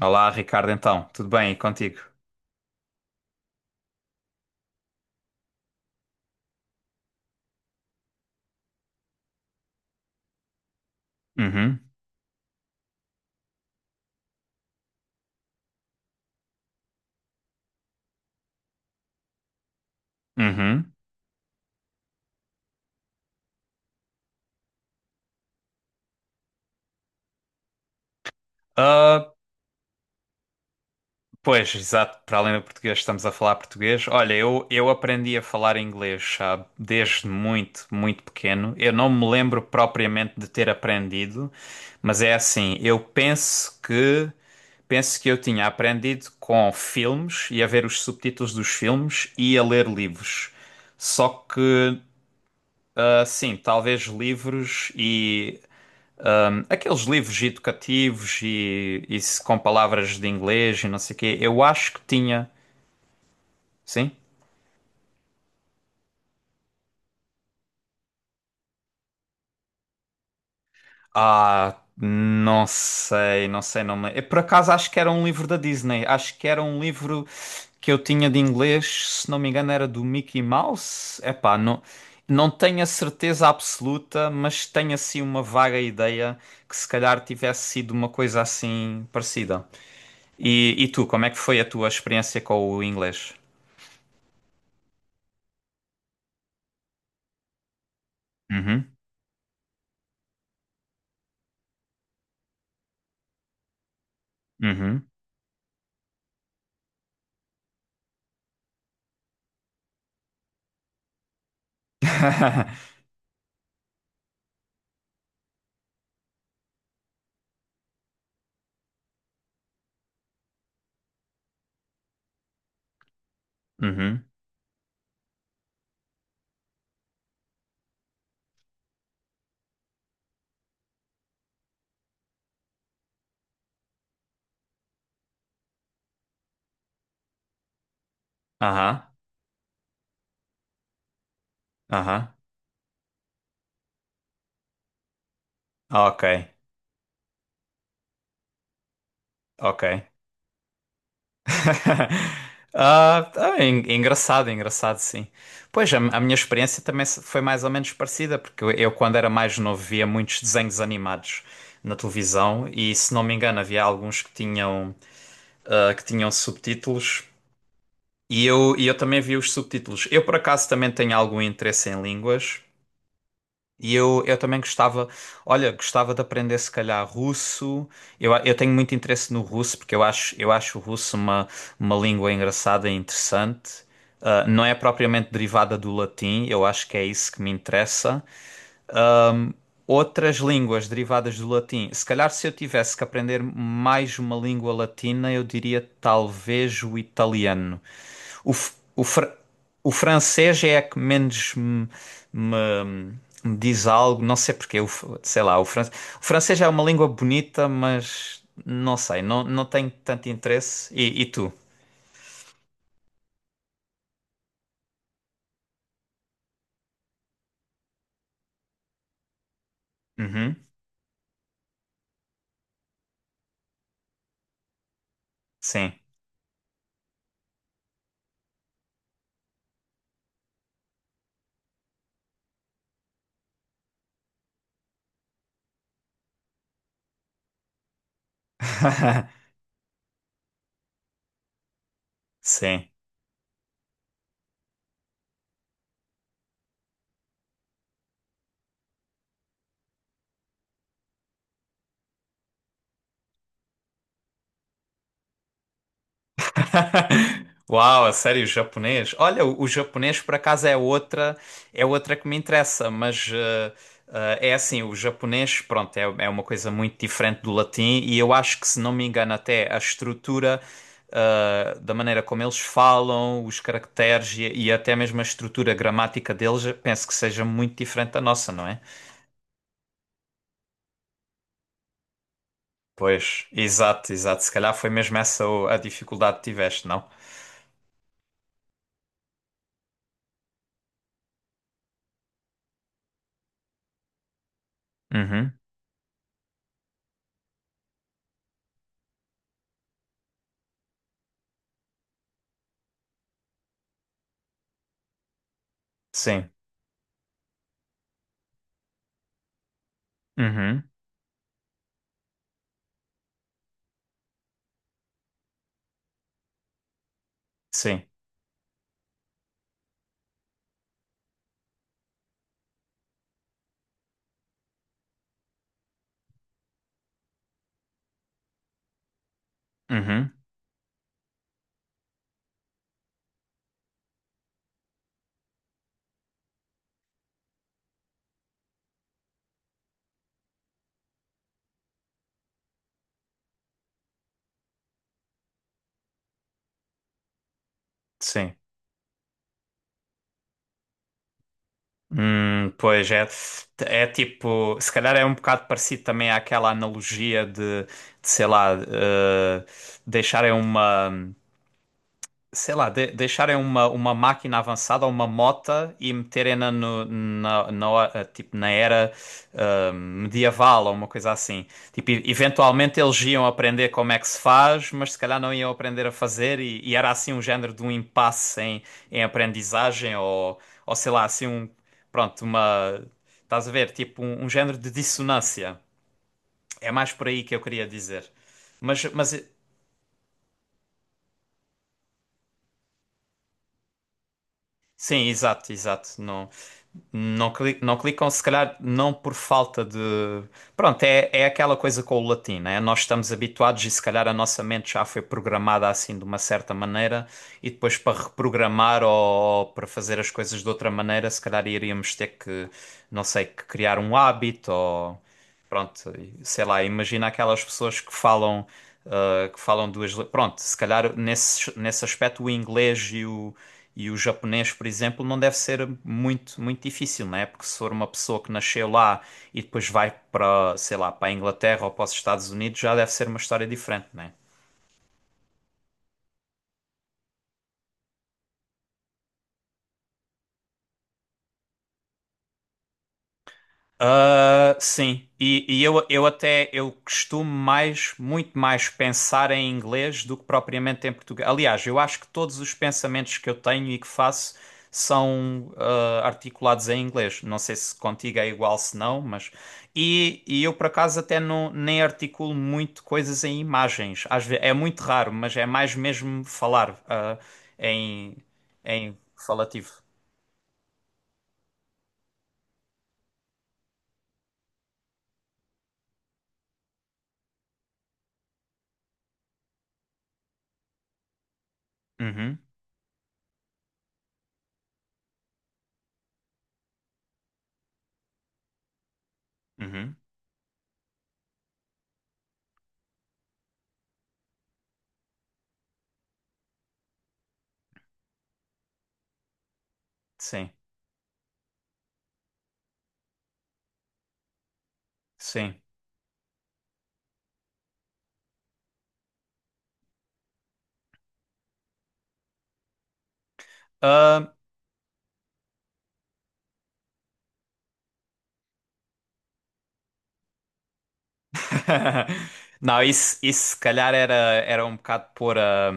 Olá, Ricardo, então, tudo bem? E contigo? Uhum, uhum. Ah, Pois, exato, para além do português, estamos a falar português. Olha, eu aprendi a falar inglês, sabe, desde muito, muito pequeno. Eu não me lembro propriamente de ter aprendido, mas é assim, eu penso que eu tinha aprendido com filmes e a ver os subtítulos dos filmes e a ler livros. Só que, sim, talvez livros e aqueles livros educativos e com palavras de inglês e não sei o quê. Eu acho que tinha. Sim? Ah, não sei, não sei, não me... Eu, por acaso, acho que era um livro da Disney. Acho que era um livro que eu tinha de inglês, se não me engano, era do Mickey Mouse. Epá, não, não tenho a certeza absoluta, mas tenho assim uma vaga ideia que se calhar tivesse sido uma coisa assim parecida. E tu, como é que foi a tua experiência com o inglês? Uhum. Uhum. Uhum. Aham. Aham. Ah, ok. Ok. É engraçado, é engraçado, sim. Pois, a minha experiência também foi mais ou menos parecida, porque eu, quando era mais novo, via muitos desenhos animados na televisão e, se não me engano, havia alguns que tinham, que tinham subtítulos e eu também vi os subtítulos. Eu, por acaso, também tenho algum interesse em línguas. E eu também gostava, olha, gostava de aprender se calhar russo. Eu tenho muito interesse no russo porque eu acho o russo uma língua engraçada e interessante. Ah, não é propriamente derivada do latim, eu acho que é isso que me interessa outras línguas derivadas do latim. Se calhar, se eu tivesse que aprender mais uma língua latina, eu diria talvez o italiano. O, f- o, fr- o francês é a que menos me- me diz algo, não sei porque, o f- sei lá, o, fran- o francês é uma língua bonita, mas não sei, não, não tenho tanto interesse. E tu? Uhum, sim. Sim. Uau, a sério, japonês? Olha, o japonês por acaso é outra que me interessa, mas é assim, o japonês, pronto, é, é uma coisa muito diferente do latim e eu acho que, se não me engano, até a estrutura da maneira como eles falam, os caracteres e até mesmo a estrutura gramática deles, eu penso que seja muito diferente da nossa, não é? Pois, exato, exato. Se calhar foi mesmo essa a dificuldade que tiveste, não? Uhum, sim. Uhum, sim. Uhum. Sim. Pois é, é tipo, se calhar é um bocado parecido também àquela analogia de sei lá, deixarem uma. Sei lá, deixarem uma máquina avançada, uma mota e meterem-na tipo, na era medieval ou uma coisa assim. Tipo, eventualmente eles iam aprender como é que se faz, mas se calhar não iam aprender a fazer e era assim um género de um impasse em, em aprendizagem ou sei lá, assim um, pronto, uma, estás a ver, tipo um, um género de dissonância. É mais por aí que eu queria dizer. Mas sim, exato, exato. Não, não, não clicam, se calhar não por falta de. Pronto, é, é aquela coisa com o latim, né? Nós estamos habituados e se calhar a nossa mente já foi programada assim de uma certa maneira e depois para reprogramar ou para fazer as coisas de outra maneira, se calhar iríamos ter que, não sei, que criar um hábito ou. Pronto, sei lá, imagina aquelas pessoas que falam, que falam duas. Pronto, se calhar nesse, nesse aspecto o inglês e o japonês, por exemplo, não deve ser muito, muito difícil, né? Porque se for uma pessoa que nasceu lá e depois vai para, sei lá, para a Inglaterra ou para os Estados Unidos, já deve ser uma história diferente, né? Ah, sim, e eu costumo mais, muito mais pensar em inglês do que propriamente em português. Aliás, eu acho que todos os pensamentos que eu tenho e que faço são articulados em inglês. Não sei se contigo é igual, se não, mas. E eu por acaso até não, nem articulo muito coisas em imagens. Às vezes, é muito raro, mas é mais mesmo falar em, em falativo. Uhum, uhum, sim, sim. Ah, não, isso se calhar era, era um bocado pôr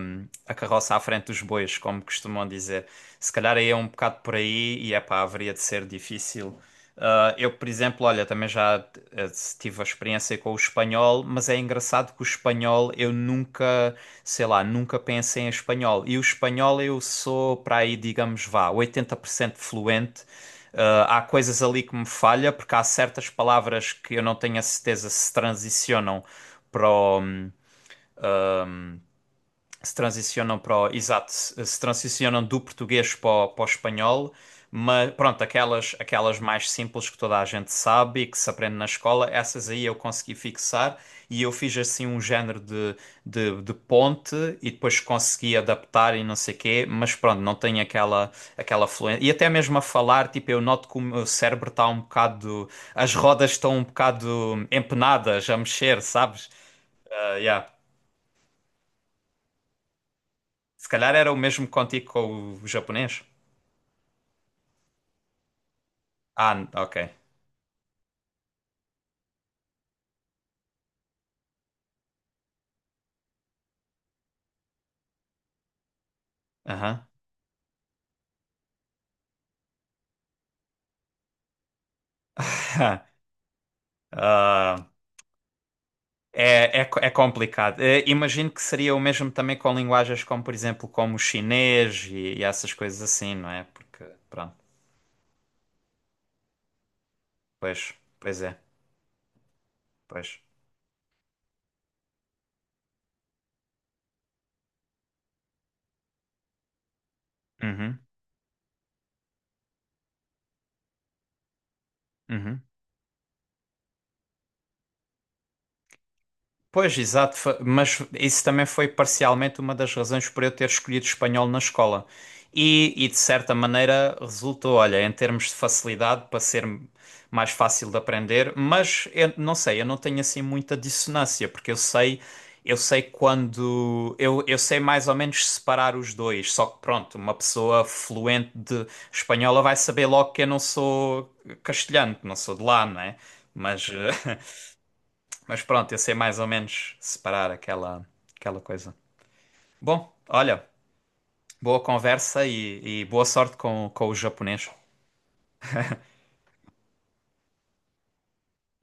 a carroça à frente dos bois, como costumam dizer. Se calhar aí é um bocado por aí e é pá, haveria de ser difícil. Ah, eu, por exemplo, olha, também já eh, tive a experiência com o espanhol, mas é engraçado que o espanhol eu nunca, sei lá, nunca pensei em espanhol. E o espanhol eu sou para aí, digamos, vá, 80% fluente. Há coisas ali que me falha, porque há certas palavras que eu não tenho a certeza se transicionam para o, se transicionam para o, exato, se se transicionam do português para o, para o espanhol, mas pronto, aquelas, aquelas mais simples que toda a gente sabe e que se aprende na escola, essas aí eu consegui fixar e eu fiz assim um género de, de ponte e depois consegui adaptar e não sei quê, mas pronto, não tenho aquela, aquela fluência. E até mesmo a falar, tipo, eu noto que o meu cérebro está um bocado, as rodas estão um bocado empenadas a mexer, sabes? Ah, yeah. Se calhar era o mesmo contigo com o japonês? Ah, ok. Aham. Ah, é, é complicado. Eh, imagino que seria o mesmo também com linguagens como, por exemplo, como o chinês e essas coisas assim, não é? Porque, pronto, pois, pois é, pois. Uhum, uhum. Pois, exato, mas isso também foi parcialmente uma das razões por eu ter escolhido espanhol na escola. E, de certa maneira resultou, olha, em termos de facilidade para ser mais fácil de aprender, mas eu não sei, eu não tenho assim muita dissonância, porque eu sei quando eu sei mais ou menos separar os dois, só que pronto, uma pessoa fluente de espanhola vai saber logo que eu não sou castelhano, que não sou de lá, não é? Mas, eh, mas pronto, eu sei mais ou menos separar aquela, aquela coisa. Bom, olha, boa conversa e boa sorte com o japonês.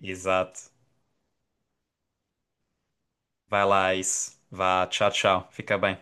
Exato. Vai lá, isso. Vá, tchau, tchau. Fica bem.